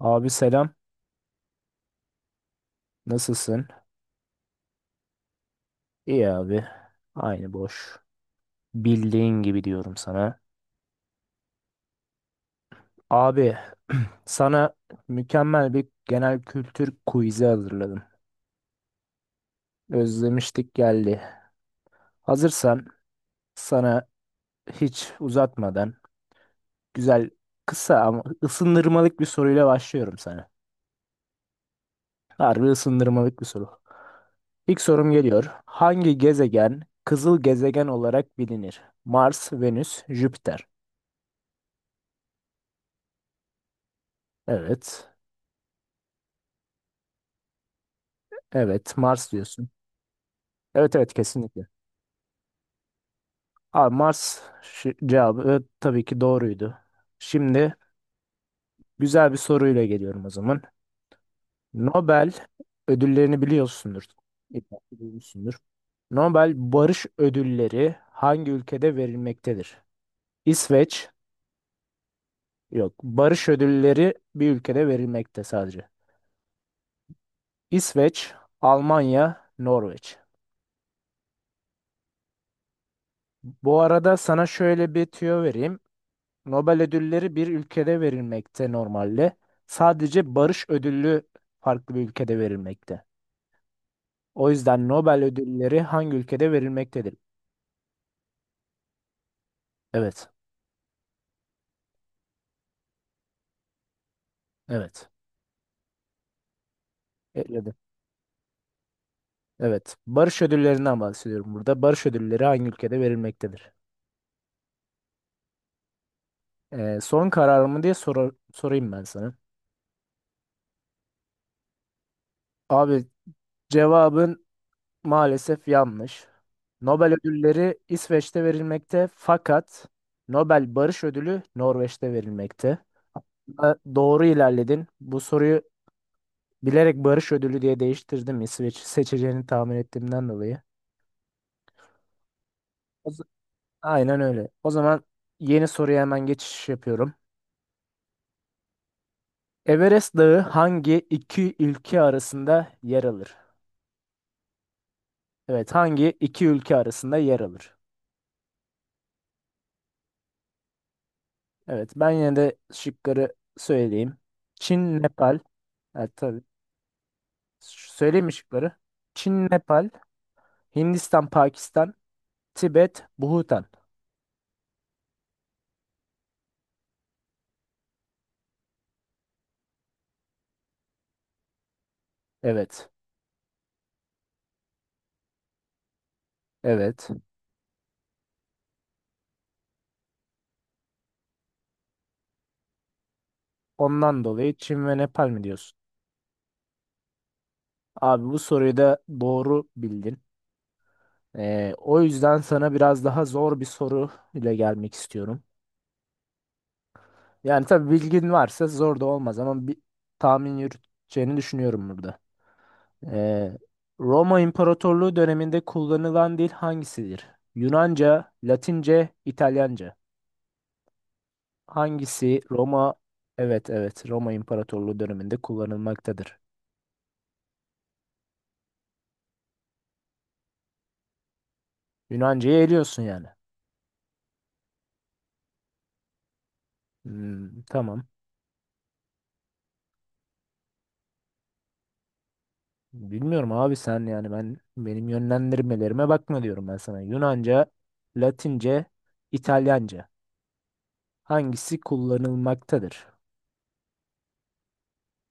Abi selam. Nasılsın? İyi abi. Aynı boş. Bildiğin gibi diyorum sana. Abi sana mükemmel bir genel kültür quiz'i hazırladım. Özlemiştik geldi. Hazırsan sana hiç uzatmadan güzel kısa ama ısındırmalık bir soruyla başlıyorum sana. Harbi ısındırmalık bir soru. İlk sorum geliyor. Hangi gezegen kızıl gezegen olarak bilinir? Mars, Venüs, Jüpiter. Evet. Evet, Mars diyorsun. Evet, evet, kesinlikle. Abi Mars, cevabı tabii ki doğruydu. Şimdi güzel bir soruyla geliyorum o zaman. Nobel ödüllerini biliyorsundur. İlla ki duymuşsundur. Nobel Barış Ödülleri hangi ülkede verilmektedir? İsveç, yok. Barış Ödülleri bir ülkede verilmekte sadece. İsveç, Almanya, Norveç. Bu arada sana şöyle bir tüyo vereyim. Nobel ödülleri bir ülkede verilmekte normalde. Sadece barış ödülü farklı bir ülkede verilmekte. O yüzden Nobel ödülleri hangi ülkede verilmektedir? Evet, evet. Ekledim. Evet. Barış ödüllerinden bahsediyorum burada. Barış ödülleri hangi ülkede verilmektedir? Son kararımı diye sorayım ben sana. Abi cevabın maalesef yanlış. Nobel ödülleri İsveç'te verilmekte, fakat Nobel Barış Ödülü Norveç'te verilmekte. Doğru ilerledin. Bu soruyu bilerek barış ödülü diye değiştirdim, İsveç seçeceğini tahmin ettiğimden dolayı. O z- Aynen öyle. O zaman yeni soruya hemen geçiş yapıyorum. Everest Dağı hangi iki ülke arasında yer alır? Evet, hangi iki ülke arasında yer alır? Evet, ben yine de şıkları söyleyeyim. Çin, Nepal. Evet, tabii. Söyleyeyim mi şıkları? Çin, Nepal, Hindistan, Pakistan, Tibet, Bhutan. Evet, evet. Ondan dolayı Çin ve Nepal mi diyorsun? Abi bu soruyu da doğru bildin. O yüzden sana biraz daha zor bir soru ile gelmek istiyorum. Yani tabii bilgin varsa zor da olmaz, ama bir tahmin yürüteceğini düşünüyorum burada. Ee, Roma İmparatorluğu döneminde kullanılan dil hangisidir? Yunanca, Latince, İtalyanca. Hangisi Roma? Evet, evet, Roma İmparatorluğu döneminde kullanılmaktadır. Yunanca'yı eliyorsun yani. Hmm, tamam. Bilmiyorum abi, sen yani ben, benim yönlendirmelerime bakma diyorum ben sana. Yunanca, Latince, İtalyanca. Hangisi kullanılmaktadır?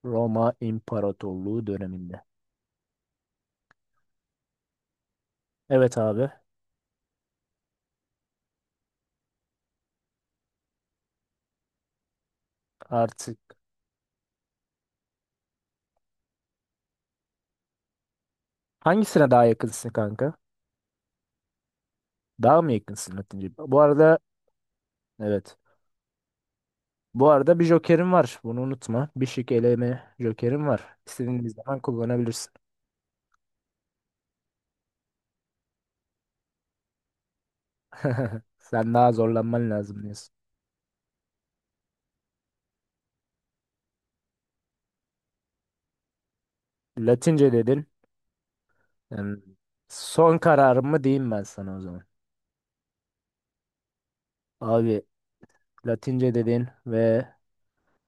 Roma İmparatorluğu döneminde. Evet abi, artık hangisine daha yakınsın kanka? Daha mı yakınsın Latince? Bu arada evet. Bu arada bir jokerim var. Bunu unutma. Bir şık eleme jokerim var. İstediğin bir zaman kullanabilirsin. Sen daha zorlanman lazım diyorsun. Latince dedin. Yani son kararımı diyeyim ben sana o zaman. Abi Latince dedin ve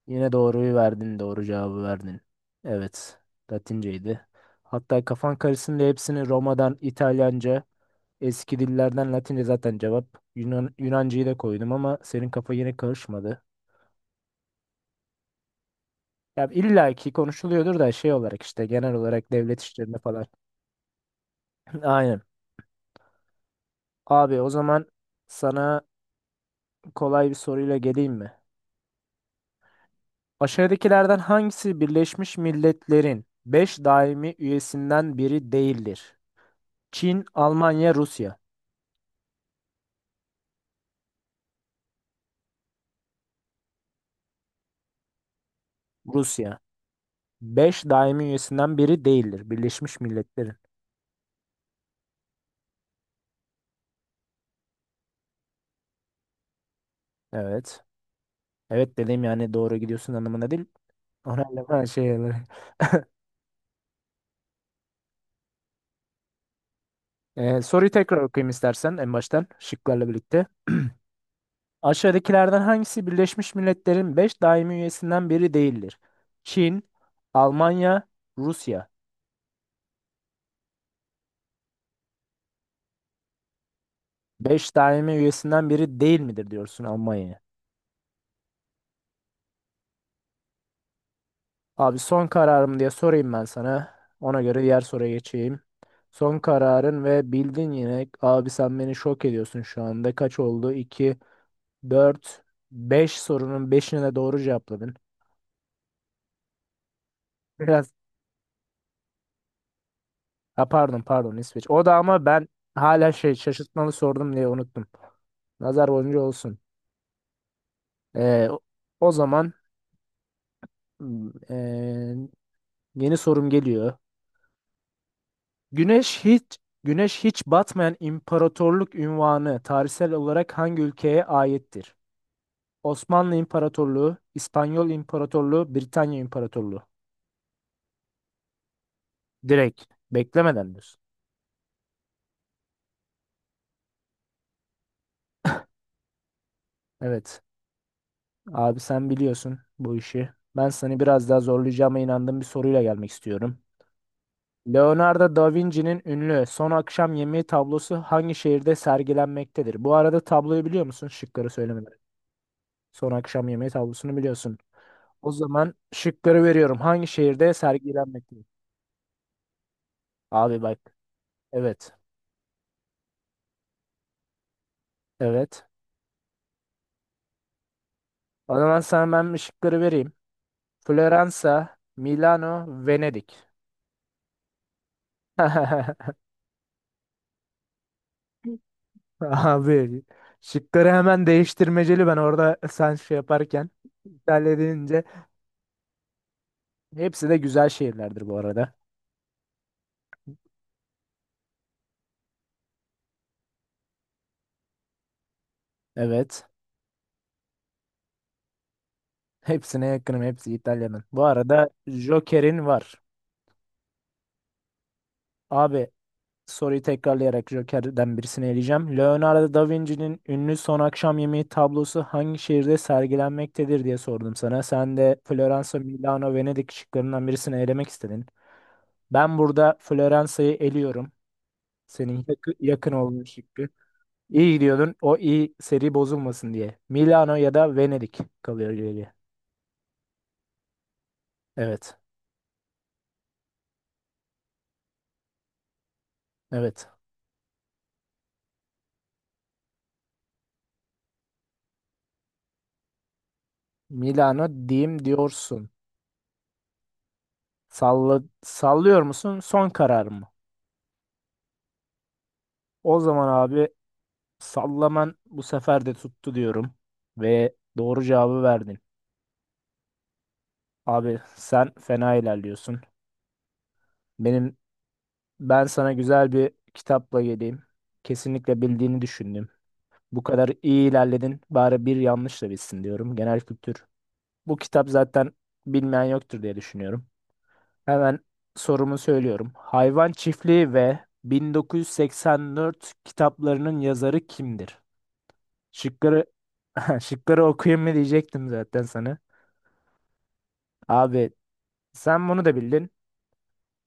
yine doğruyu verdin, doğru cevabı verdin. Evet, Latinceydi. Hatta kafan karışsın diye hepsini Roma'dan, İtalyanca, eski dillerden Latince zaten cevap. Yunancayı da koydum ama senin kafa yine karışmadı. Ya illa ki konuşuluyordur da, şey olarak işte genel olarak devlet işlerinde falan. Aynen. Abi o zaman sana kolay bir soruyla geleyim mi? Aşağıdakilerden hangisi Birleşmiş Milletler'in 5 daimi üyesinden biri değildir? Çin, Almanya, Rusya. Rusya, beş daimi üyesinden biri değildir Birleşmiş Milletler'in. Evet. Evet dedim, yani doğru gidiyorsun anlamına değil. Ona anlama şey olarak. Soruyu tekrar okuyayım istersen en baştan şıklarla birlikte. Aşağıdakilerden hangisi Birleşmiş Milletler'in 5 daimi üyesinden biri değildir? Çin, Almanya, Rusya. 5 daimi üyesinden biri değil midir diyorsun Almanya'ya. Abi son kararım diye sorayım ben sana. Ona göre diğer soruya geçeyim. Son kararın ve bildin yine. Abi sen beni şok ediyorsun şu anda. Kaç oldu? 2, 4, 5 sorunun 5'ine de doğru cevapladın. Biraz, ha, pardon pardon İsveç. O da, ama ben hala şey, şaşırtmalı sordum diye unuttum. Nazar boncuğu olsun. Ee, o o zaman hmm, ee, yeni sorum geliyor. Güneş hiç Güneş hiç batmayan imparatorluk unvanı tarihsel olarak hangi ülkeye aittir? Osmanlı İmparatorluğu, İspanyol İmparatorluğu, Britanya İmparatorluğu. Direkt beklemeden diyorsun. Evet. Abi sen biliyorsun bu işi. Ben seni biraz daha zorlayacağıma inandığım bir soruyla gelmek istiyorum. Leonardo da Vinci'nin ünlü Son Akşam Yemeği tablosu hangi şehirde sergilenmektedir? Bu arada tabloyu biliyor musun? Şıkları söylemeden. Son Akşam Yemeği tablosunu biliyorsun. O zaman şıkları veriyorum. Hangi şehirde sergilenmektedir? Abi bak. Evet. Evet. O zaman sana ben bir şıkları vereyim. Floransa, Milano, Venedik. Abi, şıkları hemen değiştirmeceli ben orada, sen şey yaparken İtalya deyince, hepsi de güzel şehirlerdir bu arada. Evet. Hepsine yakınım. Hepsi İtalya'nın. Bu arada Joker'in var. Abi, soruyu tekrarlayarak Joker'den birisini eleyeceğim. Leonardo da Vinci'nin ünlü Son Akşam Yemeği tablosu hangi şehirde sergilenmektedir diye sordum sana. Sen de Floransa, Milano, Venedik şıklarından birisini elemek istedin. Ben burada Floransa'yı eliyorum. Senin yakın olduğun şıkkı. İyi gidiyordun. O iyi seri bozulmasın diye. Milano ya da Venedik kalıyor geriye. Evet. Evet. Milano diyeyim diyorsun. Salla, sallıyor musun? Son karar mı? O zaman abi, sallaman bu sefer de tuttu diyorum ve doğru cevabı verdin. Abi sen fena ilerliyorsun. Benim ben sana güzel bir kitapla geleyim. Kesinlikle bildiğini düşündüm. Bu kadar iyi ilerledin. Bari bir yanlış da bilsin diyorum. Genel kültür. Bu kitap zaten, bilmeyen yoktur diye düşünüyorum. Hemen sorumu söylüyorum. Hayvan Çiftliği ve 1984 kitaplarının yazarı kimdir? Şıkları şıkları okuyayım mı diyecektim zaten sana. Abi sen bunu da bildin.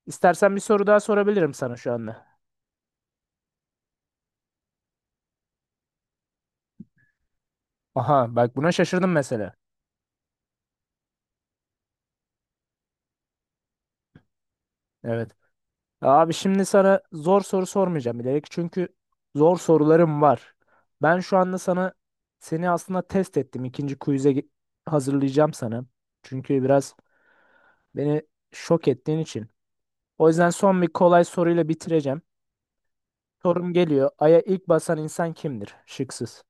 İstersen bir soru daha sorabilirim sana şu anda. Aha bak, buna şaşırdım mesela. Evet. Abi şimdi sana zor soru sormayacağım bilerek, çünkü zor sorularım var. Ben şu anda sana, seni aslında test ettim. İkinci quiz'e hazırlayacağım sana. Çünkü biraz beni şok ettiğin için. O yüzden son bir kolay soruyla bitireceğim. Sorum geliyor. Ay'a ilk basan insan kimdir? Şıksız.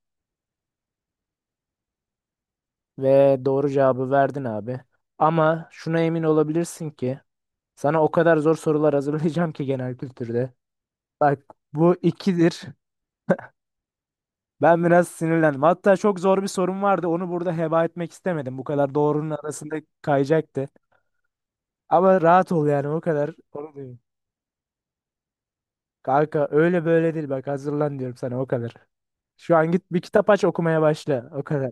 Ve doğru cevabı verdin abi. Ama şuna emin olabilirsin ki sana o kadar zor sorular hazırlayacağım ki genel kültürde. Bak, bu ikidir. Ben biraz sinirlendim. Hatta çok zor bir sorum vardı. Onu burada heba etmek istemedim. Bu kadar doğrunun arasında kayacaktı. Ama rahat ol yani, o kadar. Onu diyorum. Kanka öyle böyle değil, bak hazırlan diyorum sana o kadar. Şu an git bir kitap aç, okumaya başla. O kadar.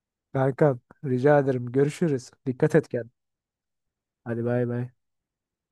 Kankam rica ederim. Görüşürüz. Dikkat et kendine. Hadi bay bay.